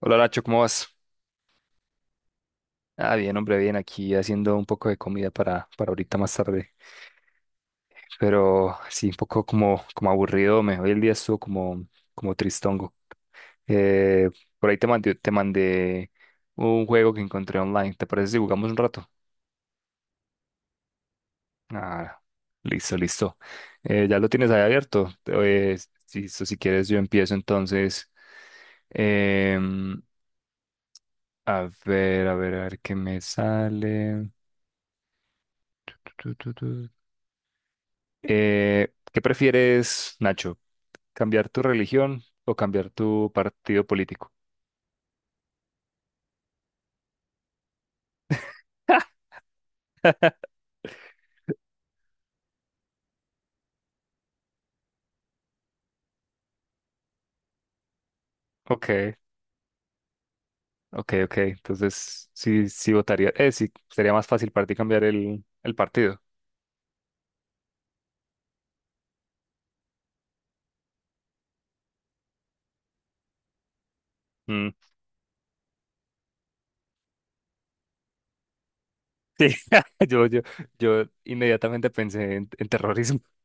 Hola Nacho, ¿cómo vas? Ah, bien, hombre, bien, aquí haciendo un poco de comida para ahorita más tarde. Pero sí, un poco como aburrido, me hoy el día estuvo como tristongo. Eh, por ahí te mandé un juego que encontré online. ¿Te parece si jugamos un rato? Ah, listo, listo. Ya lo tienes ahí abierto. Si quieres, yo empiezo entonces. Em, a ver, a ver, a ver qué me sale. ¿Qué prefieres, Nacho? ¿Cambiar tu religión o cambiar tu partido político? Ok, ok, ok. Entonces, sí, sí votaría. Sí, sería más fácil para ti cambiar el partido. Mm, sí, yo, yo, yo inmediatamente pensé en terrorismo.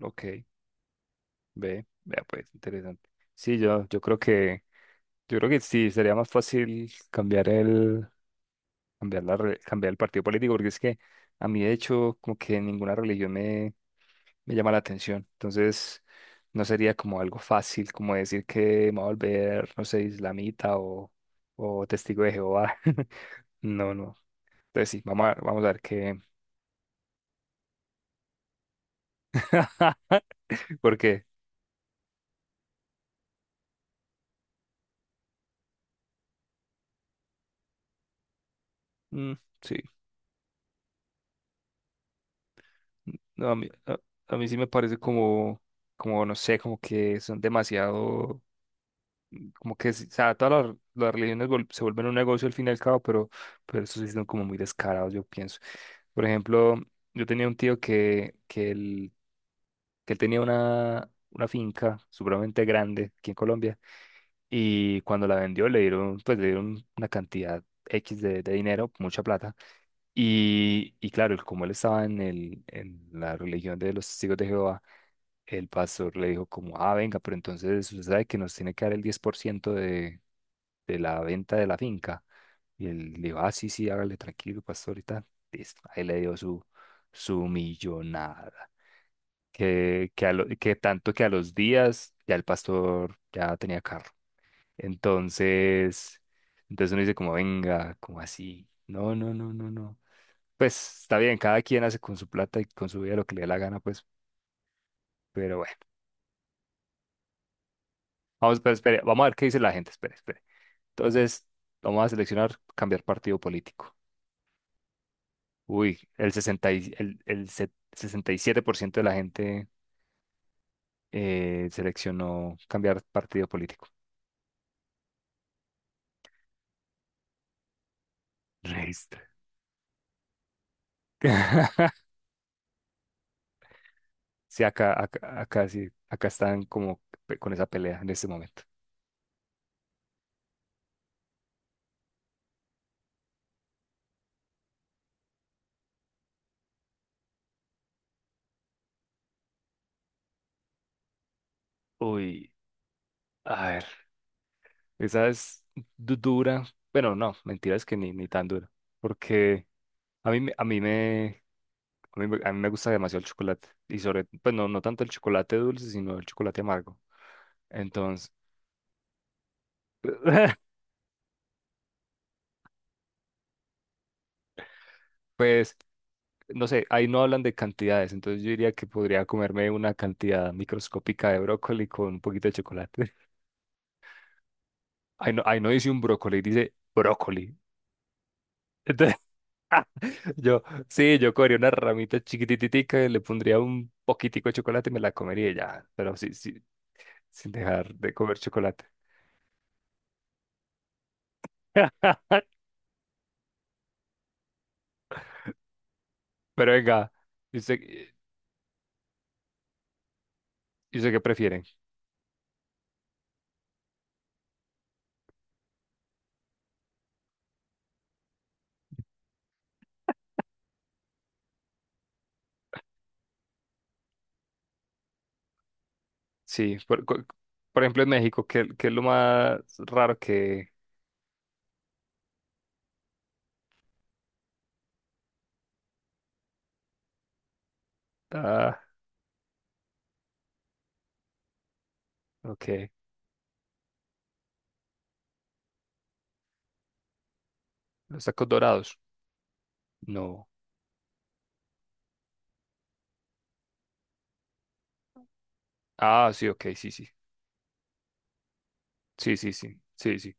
Ok, vea pues, interesante. Sí, yo creo que sí, sería más fácil cambiar el, cambiar la re- cambiar el partido político, porque es que a mí de hecho como que ninguna religión me llama la atención. Entonces, no sería como algo fácil como decir que me voy a volver, no sé, islamita o testigo de Jehová. No, no. Entonces sí, vamos a ver qué. Porque, mm, sí, no, a mí sí me parece como, no sé, como que son demasiado. Como que, sí, o sea, todas las religiones se vuelven un negocio al fin y al cabo, pero eso sí son como muy descarados, yo pienso. Por ejemplo, yo tenía un tío que él tenía una finca supremamente grande aquí en Colombia, y cuando la vendió le dieron, pues, le dieron una cantidad X de dinero, mucha plata. Y claro, como él estaba en la religión de los testigos de Jehová, el pastor le dijo como, ah, venga, pero entonces usted sabe que nos tiene que dar el 10% de la venta de la finca. Y él le dijo, ah, sí, sí, hágale tranquilo, pastor, ahorita. Listo. Ahí le dio su millonada. Que tanto que a los días ya el pastor ya tenía carro. Entonces, entonces, uno dice como, venga, como así. No, no, no, no, no. Pues está bien, cada quien hace con su plata y con su vida lo que le dé la gana, pues, pero bueno. Vamos, pero espere, vamos a ver qué dice la gente, espere, espere. Entonces, vamos a seleccionar cambiar partido político. Uy, el 60 y- el se- 67% de la gente seleccionó cambiar partido político. Resto. Sí, acá, acá, acá sí, acá están como con esa pelea en este momento. Uy, a ver, esa es dura. Bueno, no, mentira, es que ni tan dura. Porque a mí, me- a mí me, a mí, me gusta demasiado el chocolate. Y sobre, pues no, no tanto el chocolate dulce, sino el chocolate amargo. Entonces, pues no sé, ahí no hablan de cantidades, entonces yo diría que podría comerme una cantidad microscópica de brócoli con un poquito de chocolate. Ahí no dice un brócoli, dice brócoli. Entonces, yo, sí, yo cogería una ramita chiquititica, le pondría un poquitico de chocolate y me la comería y ya, pero sí, sí, sin dejar de comer chocolate. Pero venga, ¿y usted qué prefieren? Sí, por ejemplo en México, ¿qué es lo más raro que... Ah, ok, los tacos dorados. No. Ah, sí, ok, sí, sí. Sí, sí, sí. Sí, sí.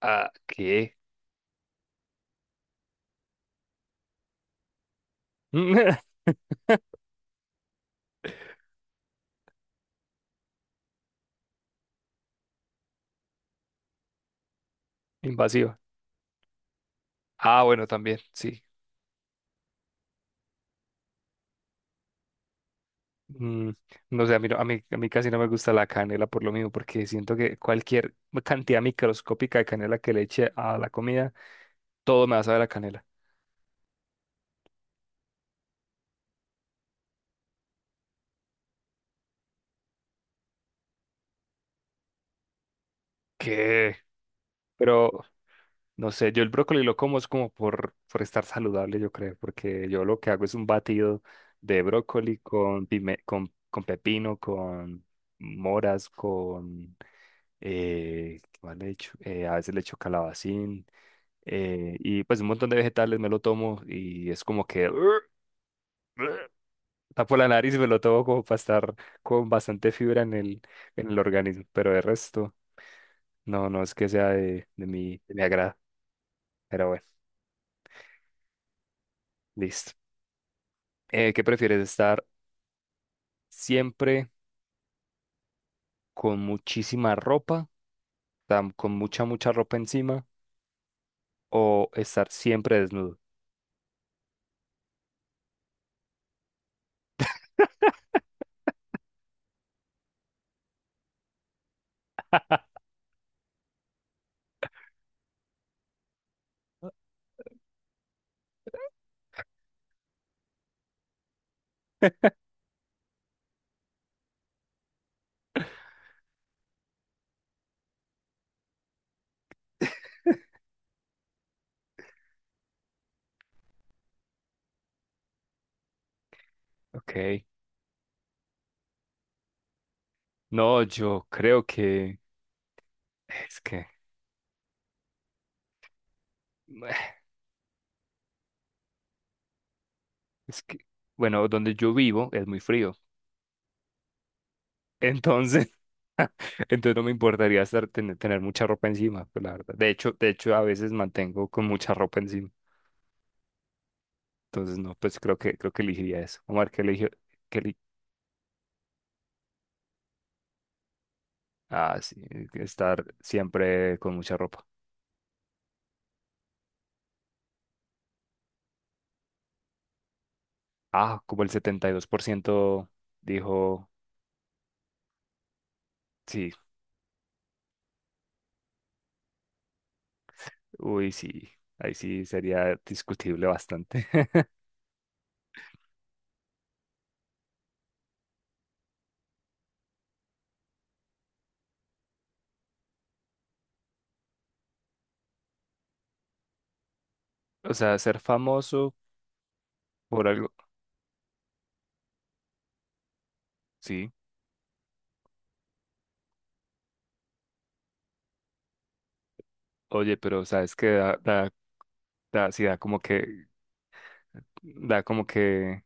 Ah, ¿qué? Invasiva. Ah, bueno, también, sí. Mm, no sé, a mí casi no me gusta la canela por lo mismo, porque siento que cualquier cantidad microscópica de canela que le eche a la comida, todo me va a saber a canela. ¿Qué? Pero, no sé, yo el brócoli lo como es como por estar saludable, yo creo, porque yo lo que hago es un batido de brócoli con pepino, con moras, con ¿qué más le echo? A veces le echo calabacín, y pues un montón de vegetales me lo tomo y es como que tapo la nariz y me lo tomo como para estar con bastante fibra en el organismo, pero de resto no, no es que sea de mi agrado, pero bueno, listo. ¿Qué prefieres? ¿Estar siempre con muchísima ropa, con mucha, mucha ropa encima o estar siempre desnudo? Ok. No, yo creo que es que, bueno, es que, bueno, donde yo vivo es muy frío. Entonces, entonces no me importaría estar, tener mucha ropa encima, pues la verdad. De hecho, a veces mantengo con mucha ropa encima. Entonces, no, pues creo que elegiría eso. Omar, ¿qué eligió? ¿Qué eli- Ah, sí, estar siempre con mucha ropa. Ah, como el 72% dijo, sí, uy, sí, ahí sí sería discutible bastante. O sea, ser famoso por algo, sí. Oye, pero sabes que da, sí, da como que,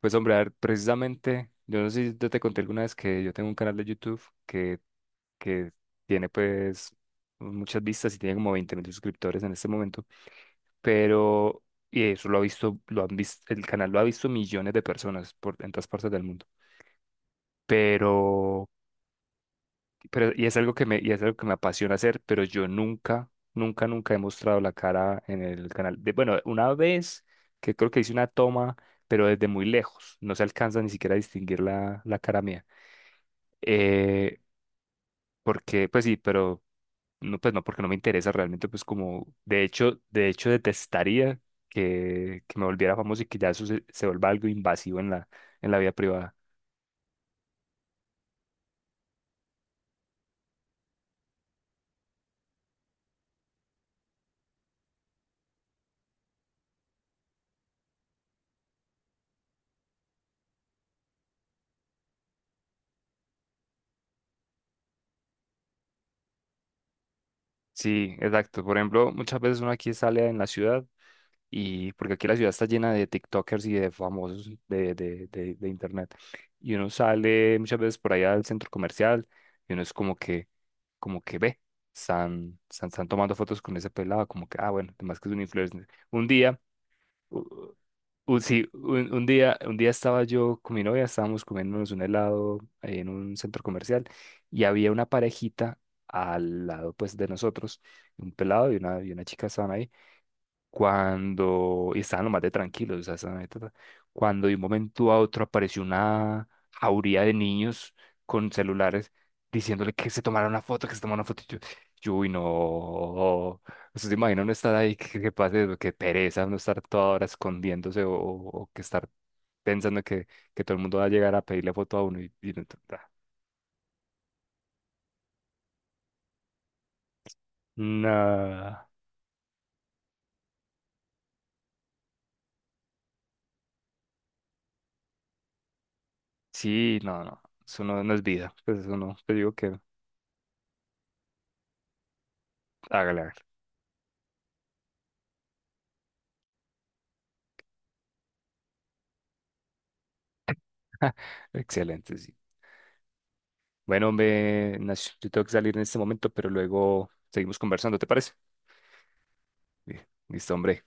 pues hombre, a ver, precisamente, yo no sé si yo te conté alguna vez que yo tengo un canal de YouTube que, que tiene pues muchas vistas y tiene como 20 mil suscriptores en este momento, pero, y eso lo ha visto, lo han visto, el canal lo ha visto millones de personas por en todas partes del mundo, pero y es algo que me apasiona hacer, pero yo nunca, nunca, nunca he mostrado la cara en el canal. Bueno, una vez que creo que hice una toma, pero desde muy lejos, no se alcanza ni siquiera a distinguir la cara mía. Eh, Porque, pues sí, pero no, pues no, porque no me interesa realmente, pues como, de hecho detestaría que me volviera famoso y que ya eso se vuelva algo invasivo en la vida privada. Sí, exacto. Por ejemplo, muchas veces uno aquí sale en la ciudad, y porque aquí la ciudad está llena de TikTokers y de famosos de internet. Y uno sale muchas veces por allá al centro comercial, y uno es como que ve, están tomando fotos con ese pelado, como que, ah, bueno, además que es un influencer. Un día, u- sí, un día estaba yo con mi novia, estábamos comiéndonos un helado en un centro comercial, y había una parejita al lado, pues, de nosotros, un pelado y una chica estaban ahí cuando y estaban lo más de tranquilos, o sea, estaban ahí, ta, ta, cuando de un momento a otro apareció una jauría de niños con celulares diciéndole que se tomara una foto, que se tomara una foto. Y yo, uy, no. ¿Ustedes se imaginan no estar ahí? ¿Qué pasa? Qué pereza no estar toda hora escondiéndose o que estar pensando que todo el mundo va a llegar a pedirle foto a uno y no. Ta, ta. No. Sí, no, no. Eso no, no es vida. Pues eso no. Te digo que hágale, hágale. Excelente, sí. Bueno, hombre, Nash, yo tengo que salir en este momento, pero luego seguimos conversando, ¿te parece? Bien, listo, hombre.